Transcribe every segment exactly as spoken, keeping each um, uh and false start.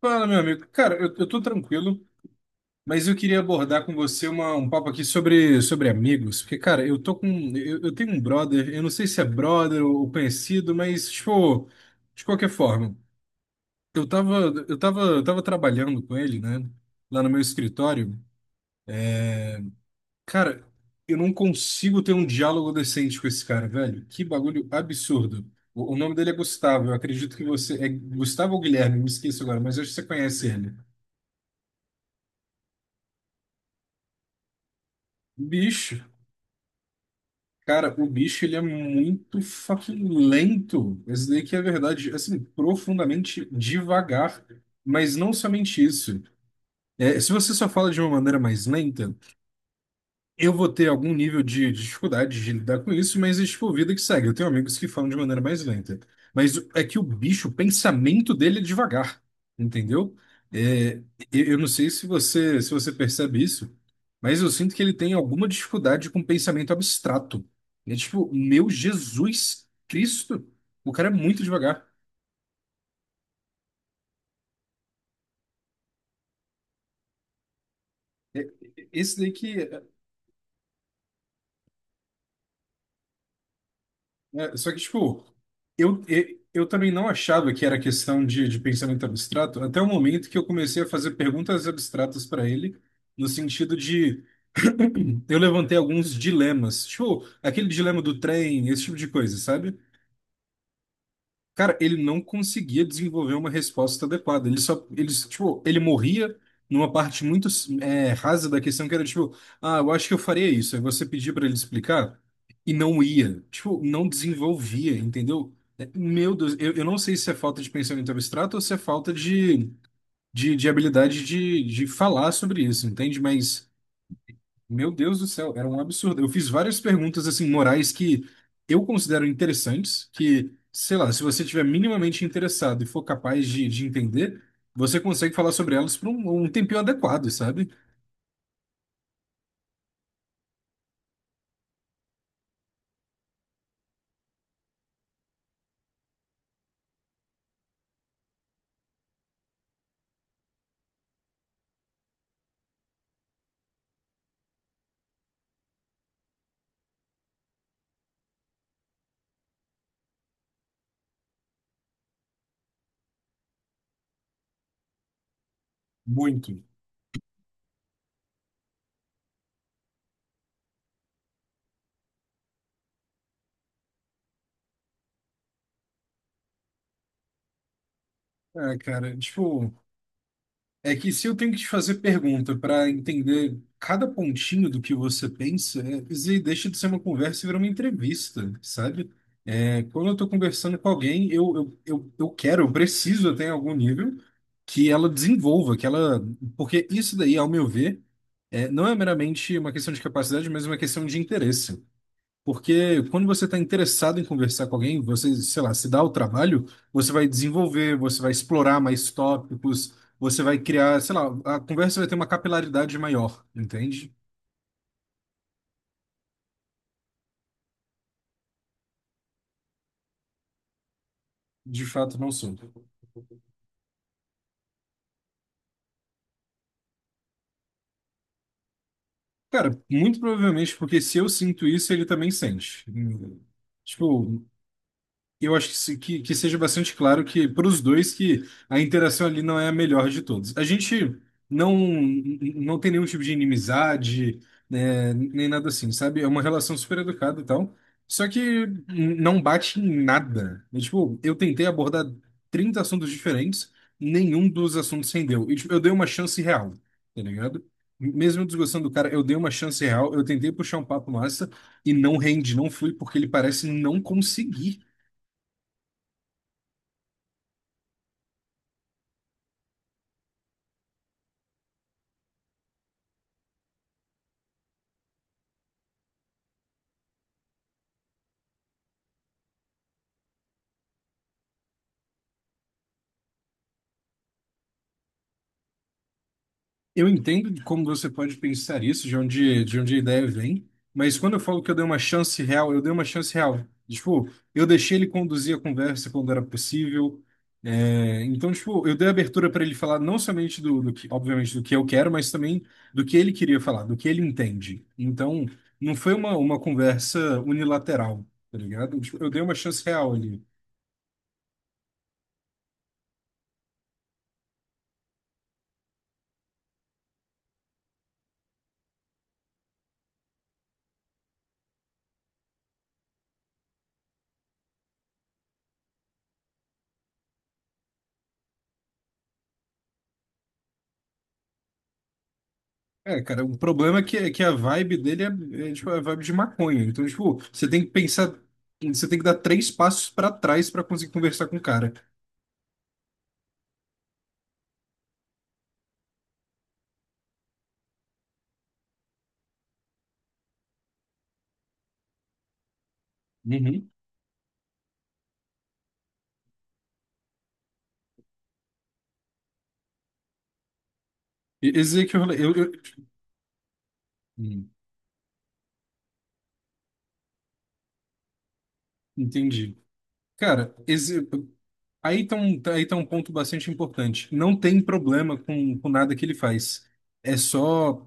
Fala, meu amigo. Cara, eu, eu tô tranquilo, mas eu queria abordar com você uma, um papo aqui sobre, sobre amigos. Porque, cara, eu tô com. Eu, eu tenho um brother, eu não sei se é brother ou conhecido, mas, tipo, de qualquer forma, eu tava, eu tava, eu tava trabalhando com ele, né? Lá no meu escritório. Cara, eu não consigo ter um diálogo decente com esse cara, velho. Que bagulho absurdo. O, o nome dele é Gustavo, eu acredito que você. É Gustavo ou Guilherme, me esqueci agora, mas eu acho que você conhece ele. Bicho. Cara, o bicho ele é muito fucking lento. Isso daí que é verdade, assim, profundamente devagar. Mas não somente isso. É, se você só fala de uma maneira mais lenta, eu vou ter algum nível de dificuldade de lidar com isso, mas é tipo vida que segue. Eu tenho amigos que falam de maneira mais lenta. Mas o- é que o bicho, o pensamento dele é devagar, entendeu? É, eu eu não sei se você, se você percebe isso, mas eu sinto que ele tem alguma dificuldade com pensamento abstrato. É tipo, meu Jesus Cristo, o cara é muito devagar. Esse daí que. É, só que, tipo, eu, eu, eu também não achava que era questão de, de pensamento abstrato, até o momento que eu comecei a fazer perguntas abstratas para ele, no sentido de eu levantei alguns dilemas, tipo, aquele dilema do trem, esse tipo de coisa, sabe? Cara, ele não conseguia desenvolver uma resposta adequada. Ele só, ele, tipo, ele morria numa parte muito é, rasa da questão que era tipo, ah, eu acho que eu faria isso. Aí você pedia pra ele explicar e não ia. Tipo, não desenvolvia, entendeu? É, meu Deus, eu, eu não sei se é falta de pensamento abstrato ou se é falta de, de, de habilidade de, de falar sobre isso, entende? Mas meu Deus do céu, era um absurdo. Eu fiz várias perguntas assim morais que eu considero interessantes, que, sei lá, se você tiver minimamente interessado e for capaz de, de entender, você consegue falar sobre elas por um, um tempinho adequado, sabe? Muito. É, cara, tipo, é que se eu tenho que te fazer pergunta para entender cada pontinho do que você pensa, é, isso aí deixa de ser uma conversa e vira uma entrevista, sabe? É, quando eu estou conversando com alguém, eu, eu, eu, eu quero, eu preciso até em algum nível que ela desenvolva, que ela. Porque isso daí, ao meu ver, é, não é meramente uma questão de capacidade, mas uma questão de interesse. Porque quando você está interessado em conversar com alguém, você, sei lá, se dá o trabalho, você vai desenvolver, você vai explorar mais tópicos, você vai criar, sei lá, a conversa vai ter uma capilaridade maior, entende? De fato, não sou. Cara, muito provavelmente porque se eu sinto isso, ele também sente. Tipo, eu acho que, se- que, que seja bastante claro que para os dois que a interação ali não é a melhor de todos. A gente não não tem nenhum tipo de inimizade, né, nem nada assim, sabe? É uma relação super educada e tal. Só que não bate em nada. É, tipo, eu tentei abordar trinta assuntos diferentes, nenhum dos assuntos rendeu. E, tipo, eu dei uma chance real, tá ligado? Mesmo eu desgostando do cara, eu dei uma chance real, eu tentei puxar um papo massa e não rende, não flui, porque ele parece não conseguir. Eu entendo de como você pode pensar isso, de onde, de onde a ideia vem, mas quando eu falo que eu dei uma chance real, eu dei uma chance real. Tipo, eu deixei ele conduzir a conversa quando era possível. É, então, tipo, eu dei abertura para ele falar não somente do, do que, obviamente, do que eu quero, mas também do que ele queria falar, do que ele entende. Então, não foi uma, uma conversa unilateral, tá ligado? Tipo, eu dei uma chance real ali. É, cara, o problema é que, é que a vibe dele é, é, tipo, é a vibe de maconha. Então, tipo, você tem que pensar, você tem que dar três passos pra trás pra conseguir conversar com o cara. Uhum. E- Esse é que eu falei, eu, eu- hum, entendi. Cara, esse, aí tá um, tá, aí tá um ponto bastante importante. Não tem problema com, com nada que ele faz. É só,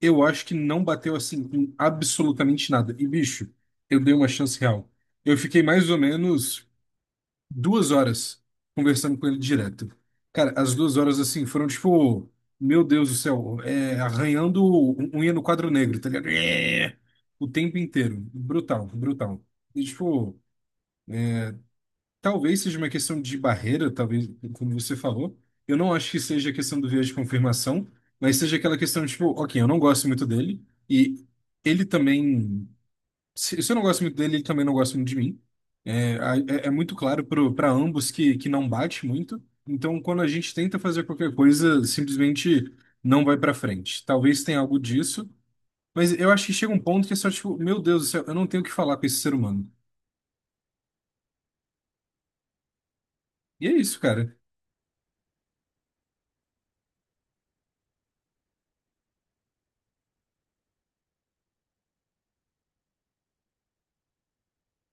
eu acho que não bateu assim com absolutamente nada. E, bicho, eu dei uma chance real. Eu fiquei mais ou menos duas horas conversando com ele direto. Cara, as duas horas assim foram tipo, meu Deus do céu, é, arranhando un- unha no quadro negro, tá ligado? É, o tempo inteiro. Brutal, brutal. E, tipo, talvez seja uma questão de barreira, talvez, como você falou. Eu não acho que seja a questão do viés de confirmação, mas seja aquela questão, tipo, ok, eu não gosto muito dele, e ele também. Se, se eu não gosto muito dele, ele também não gosta muito de mim. É, a- é, é muito claro para ambos que, que não bate muito. Então, quando a gente tenta fazer qualquer coisa, simplesmente não vai para frente. Talvez tenha algo disso, mas eu acho que chega um ponto que é só tipo, meu Deus do céu, eu não tenho o que falar com esse ser humano. E é isso, cara.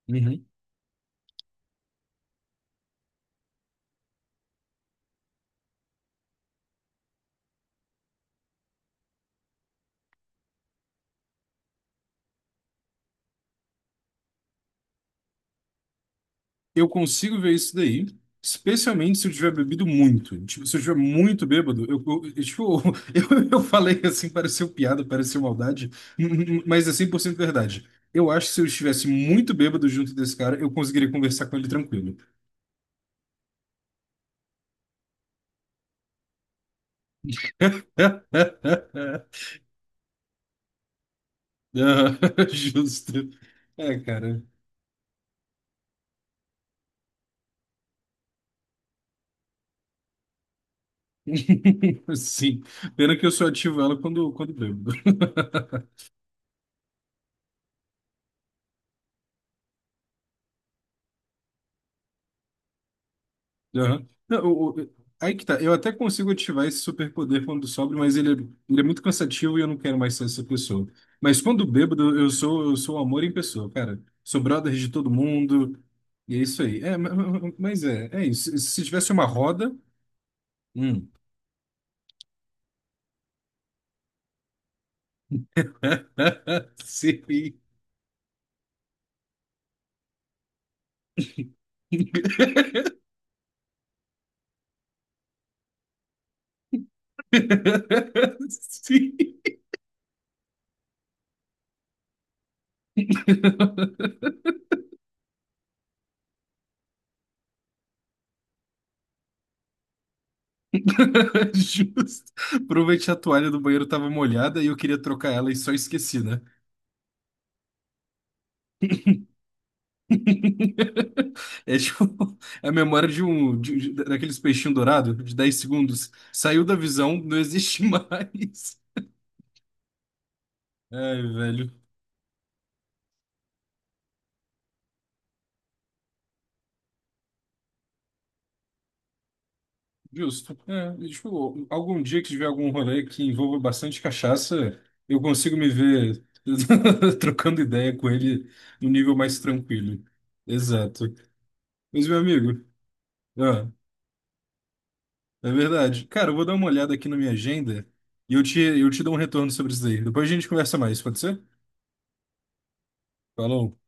Uhum. Eu consigo ver isso daí, especialmente se eu tiver bebido muito. Tipo, se eu estiver muito bêbado, eu, eu- eu- tipo, eu, eu falei assim, pareceu piada, pareceu maldade, mas é cem por cento verdade. Eu acho que se eu estivesse muito bêbado junto desse cara, eu conseguiria conversar com ele tranquilo. Ah. Justo. É, cara. Sim. Pena que eu só ativo ela quando, quando bebo. Aham. Não, o- o- aí que tá. Eu até consigo ativar esse superpoder quando sobre, mas ele é, ele é muito cansativo e eu não quero mais ser essa pessoa. Mas quando bêbado, eu sou, eu sou o amor em pessoa, cara. Sou brother de todo mundo. E é isso aí. É, ma- ma- mas é, é isso. Se tivesse uma roda. Hum. Sim. Sim. Justo. Provavelmente a toalha do banheiro estava molhada e eu queria trocar ela e só esqueci, né? É tipo, é a memória de um de- de- daqueles peixinhos dourados de dez segundos. Saiu da visão, não existe mais. Ai, velho. Justo. É, e, tipo, algum dia que tiver algum rolê que envolva bastante cachaça, eu consigo me ver trocando ideia com ele num nível mais tranquilo. Exato. Mas, meu amigo, ah, é verdade. Cara, eu vou dar uma olhada aqui na minha agenda e eu te, eu te dou um retorno sobre isso daí. Depois a gente conversa mais, pode ser? Falou.